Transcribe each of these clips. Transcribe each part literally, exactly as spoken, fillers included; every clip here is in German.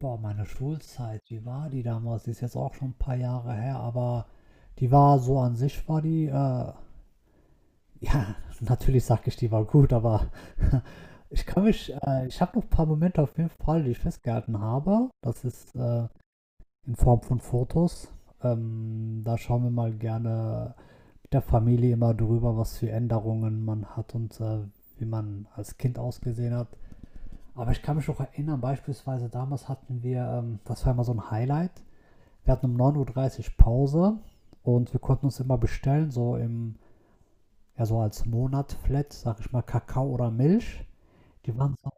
Boah, meine Schulzeit, wie war die damals? Die ist jetzt auch schon ein paar Jahre her, aber die war so an sich war die, äh ja, natürlich sage ich, die war gut, aber ich kann mich äh, ich habe noch ein paar Momente auf jeden Fall, die ich festgehalten habe. Das ist, äh, in Form von Fotos. Ähm, da schauen wir mal gerne mit der Familie immer drüber, was für Änderungen man hat und, äh, wie man als Kind ausgesehen hat. Aber ich kann mich noch erinnern, beispielsweise damals hatten wir, ähm das war immer so ein Highlight. Wir hatten um 9.30 Uhr dreißig Pause und wir konnten uns immer bestellen, so im, ja, so als Monat-Flat, sag ich mal, Kakao oder Milch. Die waren so,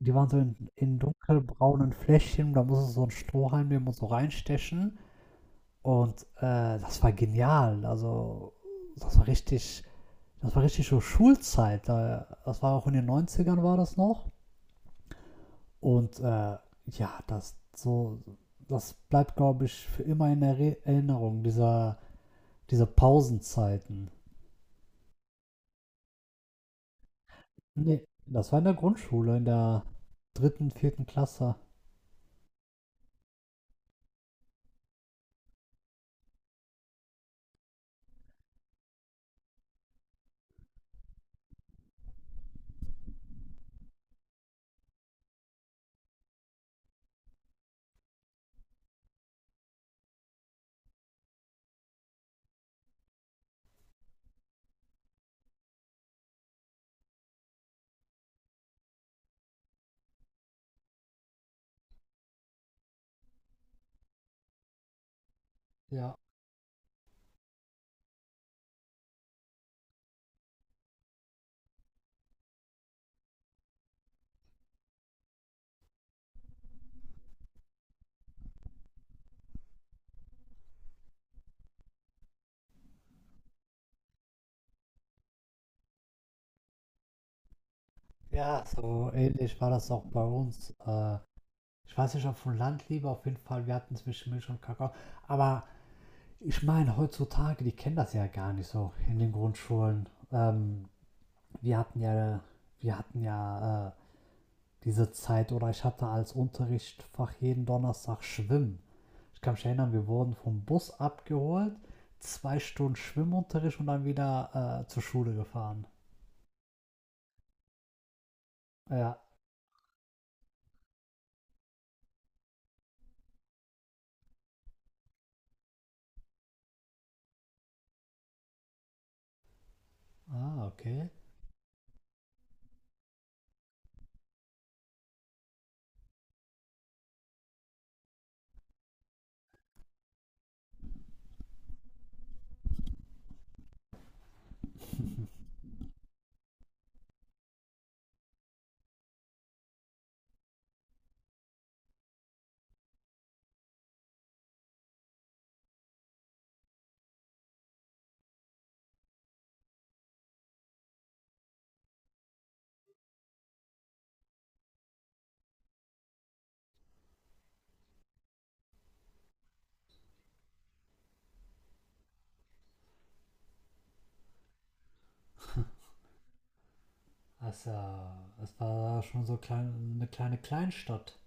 die waren so in, in dunkelbraunen Fläschchen, da musst du so einen Strohhalm nehmen und so reinstechen. Und äh, das war genial. Also, das war richtig, das war richtig so Schulzeit. Da- Das war auch in den neunzigern war das noch. Und äh, ja, das so, das bleibt, glaube ich, für immer in Erinnerung, dieser diese Pausenzeiten. Nee, das war in der Grundschule, in der dritten, vierten Klasse. Ja. Ja, so ähnlich war das auch bei uns. Äh, ich weiß nicht, ob von Land lieber, auf jeden Fall, wir hatten zwischen Milch und Kakao. Aber ich meine, heutzutage, die kennen das ja gar nicht so in den Grundschulen. Ähm, wir hatten ja, wir hatten ja äh, diese Zeit oder ich hatte als Unterrichtsfach jeden Donnerstag Schwimmen. Ich kann mich erinnern, wir wurden vom Bus abgeholt, zwei Stunden Schwimmunterricht und dann wieder äh, zur Schule gefahren. Ja. Ah, okay. Also, es war schon so klein, eine kleine Kleinstadt.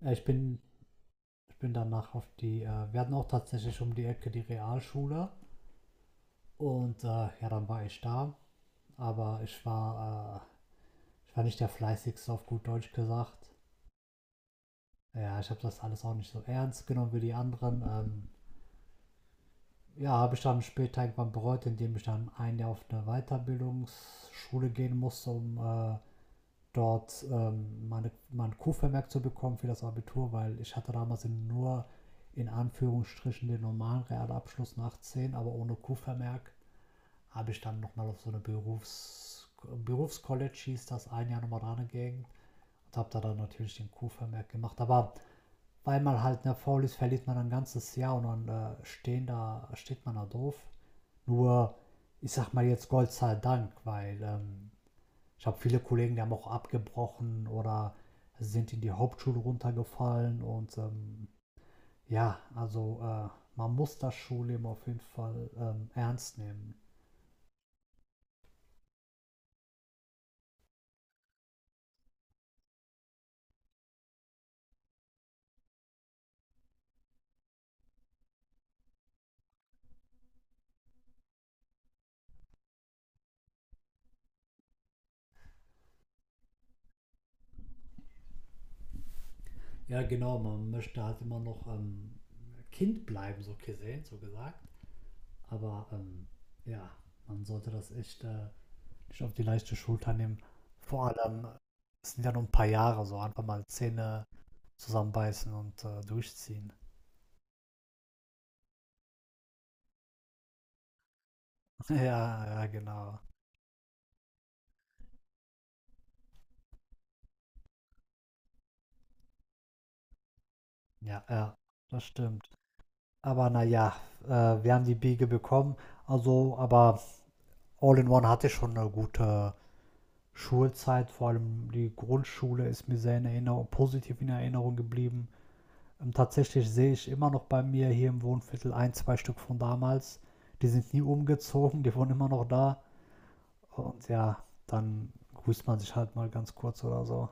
Ja, ich bin, ich bin danach auf die, äh, wir hatten auch tatsächlich um die Ecke die Realschule und äh, ja, dann war ich da, aber ich war, äh, ich war nicht der fleißigste auf gut Deutsch gesagt. Ja, ich habe das alles auch nicht so ernst genommen wie die anderen. Ähm, Ja, habe ich dann später irgendwann bereut, indem ich dann ein Jahr auf eine Weiterbildungsschule gehen musste, um äh, dort ähm, meine, mein Q-Vermerk zu bekommen für das Abitur, weil ich hatte damals nur in Anführungsstrichen den normalen Realabschluss nach zehn, aber ohne Q-Vermerk habe ich dann nochmal auf so eine Berufs Berufscollege hieß das, ein Jahr nochmal dran gegangen und habe da dann natürlich den Q-Vermerk gemacht, aber weil man halt ne, faul ist, verliert man ein ganzes Jahr und dann äh, stehen da, steht man da doof nur, ich sag mal jetzt Gott sei Dank, weil ähm, ich habe viele Kollegen, die haben auch abgebrochen oder sind in die Hauptschule runtergefallen und ähm, ja, also äh, man muss das Schulleben auf jeden Fall ähm, ernst nehmen. Ja, genau, man möchte halt immer noch ähm, Kind bleiben, so gesehen, so gesagt. Aber ähm, ja, man sollte das echt äh, nicht auf die leichte Schulter nehmen. Vor allem, äh, es sind ja nur ein paar Jahre, so einfach mal Zähne zusammenbeißen und äh, durchziehen. Ja, ja, genau. Ja, ja, das stimmt. Aber naja, äh, wir haben die Biege bekommen. Also, aber All-in-One hatte schon eine gute Schulzeit. Vor allem die Grundschule ist mir sehr in Erinnerung, positiv in Erinnerung geblieben. Ähm, tatsächlich sehe ich immer noch bei mir hier im Wohnviertel ein, zwei Stück von damals. Die sind nie umgezogen, die wohnen immer noch da. Und ja, dann grüßt man sich halt mal ganz kurz oder so.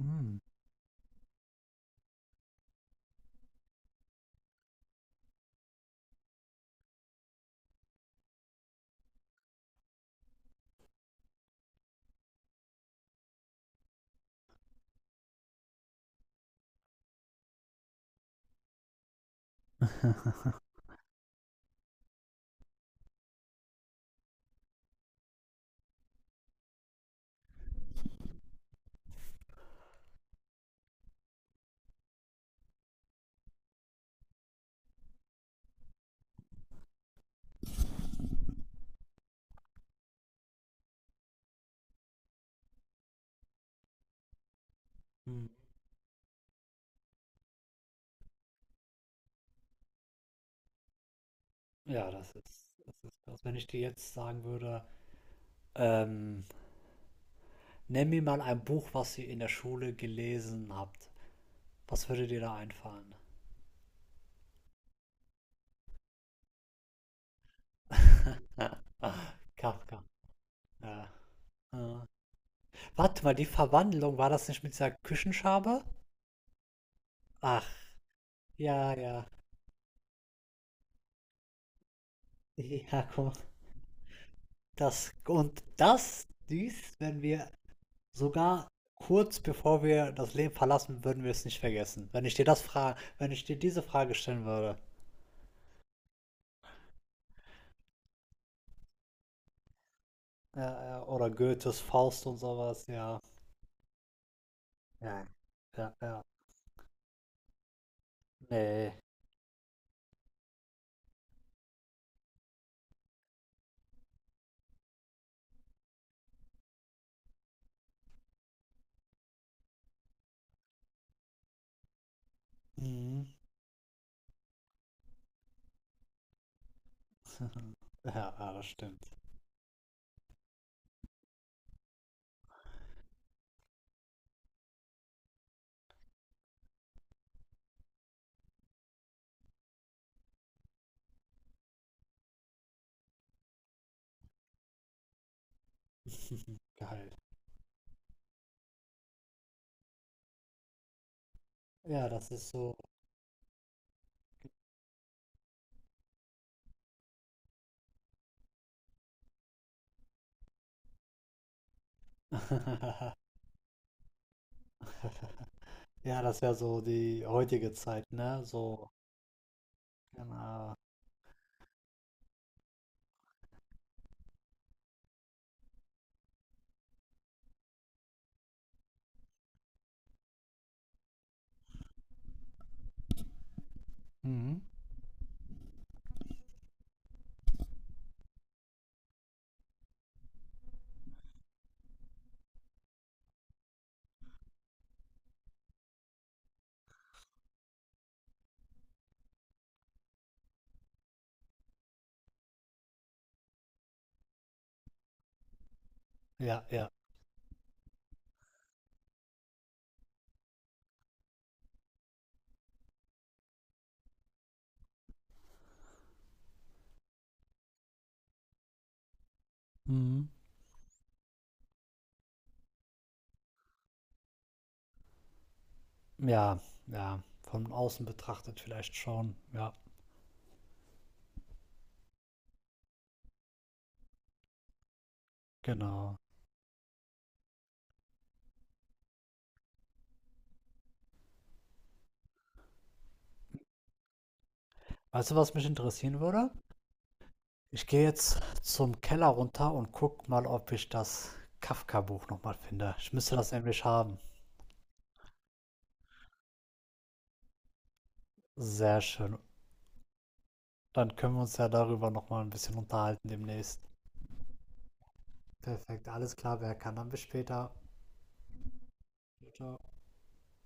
Mm. Hm. Ja, das ist, das ist krass. Wenn ich dir jetzt sagen würde, ähm, nenn mir mal ein Buch, was ihr in der Schule gelesen habt. Was würde dir da einfallen? Kafka. Ja. Äh. Warte mal, die Verwandlung, war das nicht mit dieser Küchenschabe? Ach, ja, ja. Ja, guck mal. Das, und das, dies, wenn wir sogar kurz bevor wir das Leben verlassen, würden wir es nicht vergessen. Wenn ich dir das frage, wenn ich dir diese Frage stellen würde. Ja, ja, oder Goethes Faust und sowas, ja. Ja. Ja, ja. Nee. Mhm. Ja, ja, das stimmt. Geil. Ja, das ist so. Ja, das wäre so die heutige Zeit, ne? So, genau. Mhm. Ja, ja. Mhm. Ja, ja. Von außen betrachtet vielleicht schon. Ja, genau. Weißt du, was mich interessieren würde? Ich gehe jetzt zum Keller runter und guck mal, ob ich das Kafka-Buch nochmal finde. Ich müsste das nämlich haben. Sehr schön. Dann können wir uns ja darüber nochmal ein bisschen unterhalten demnächst. Perfekt, alles klar, wer kann, dann bis später. Ciao, ciao.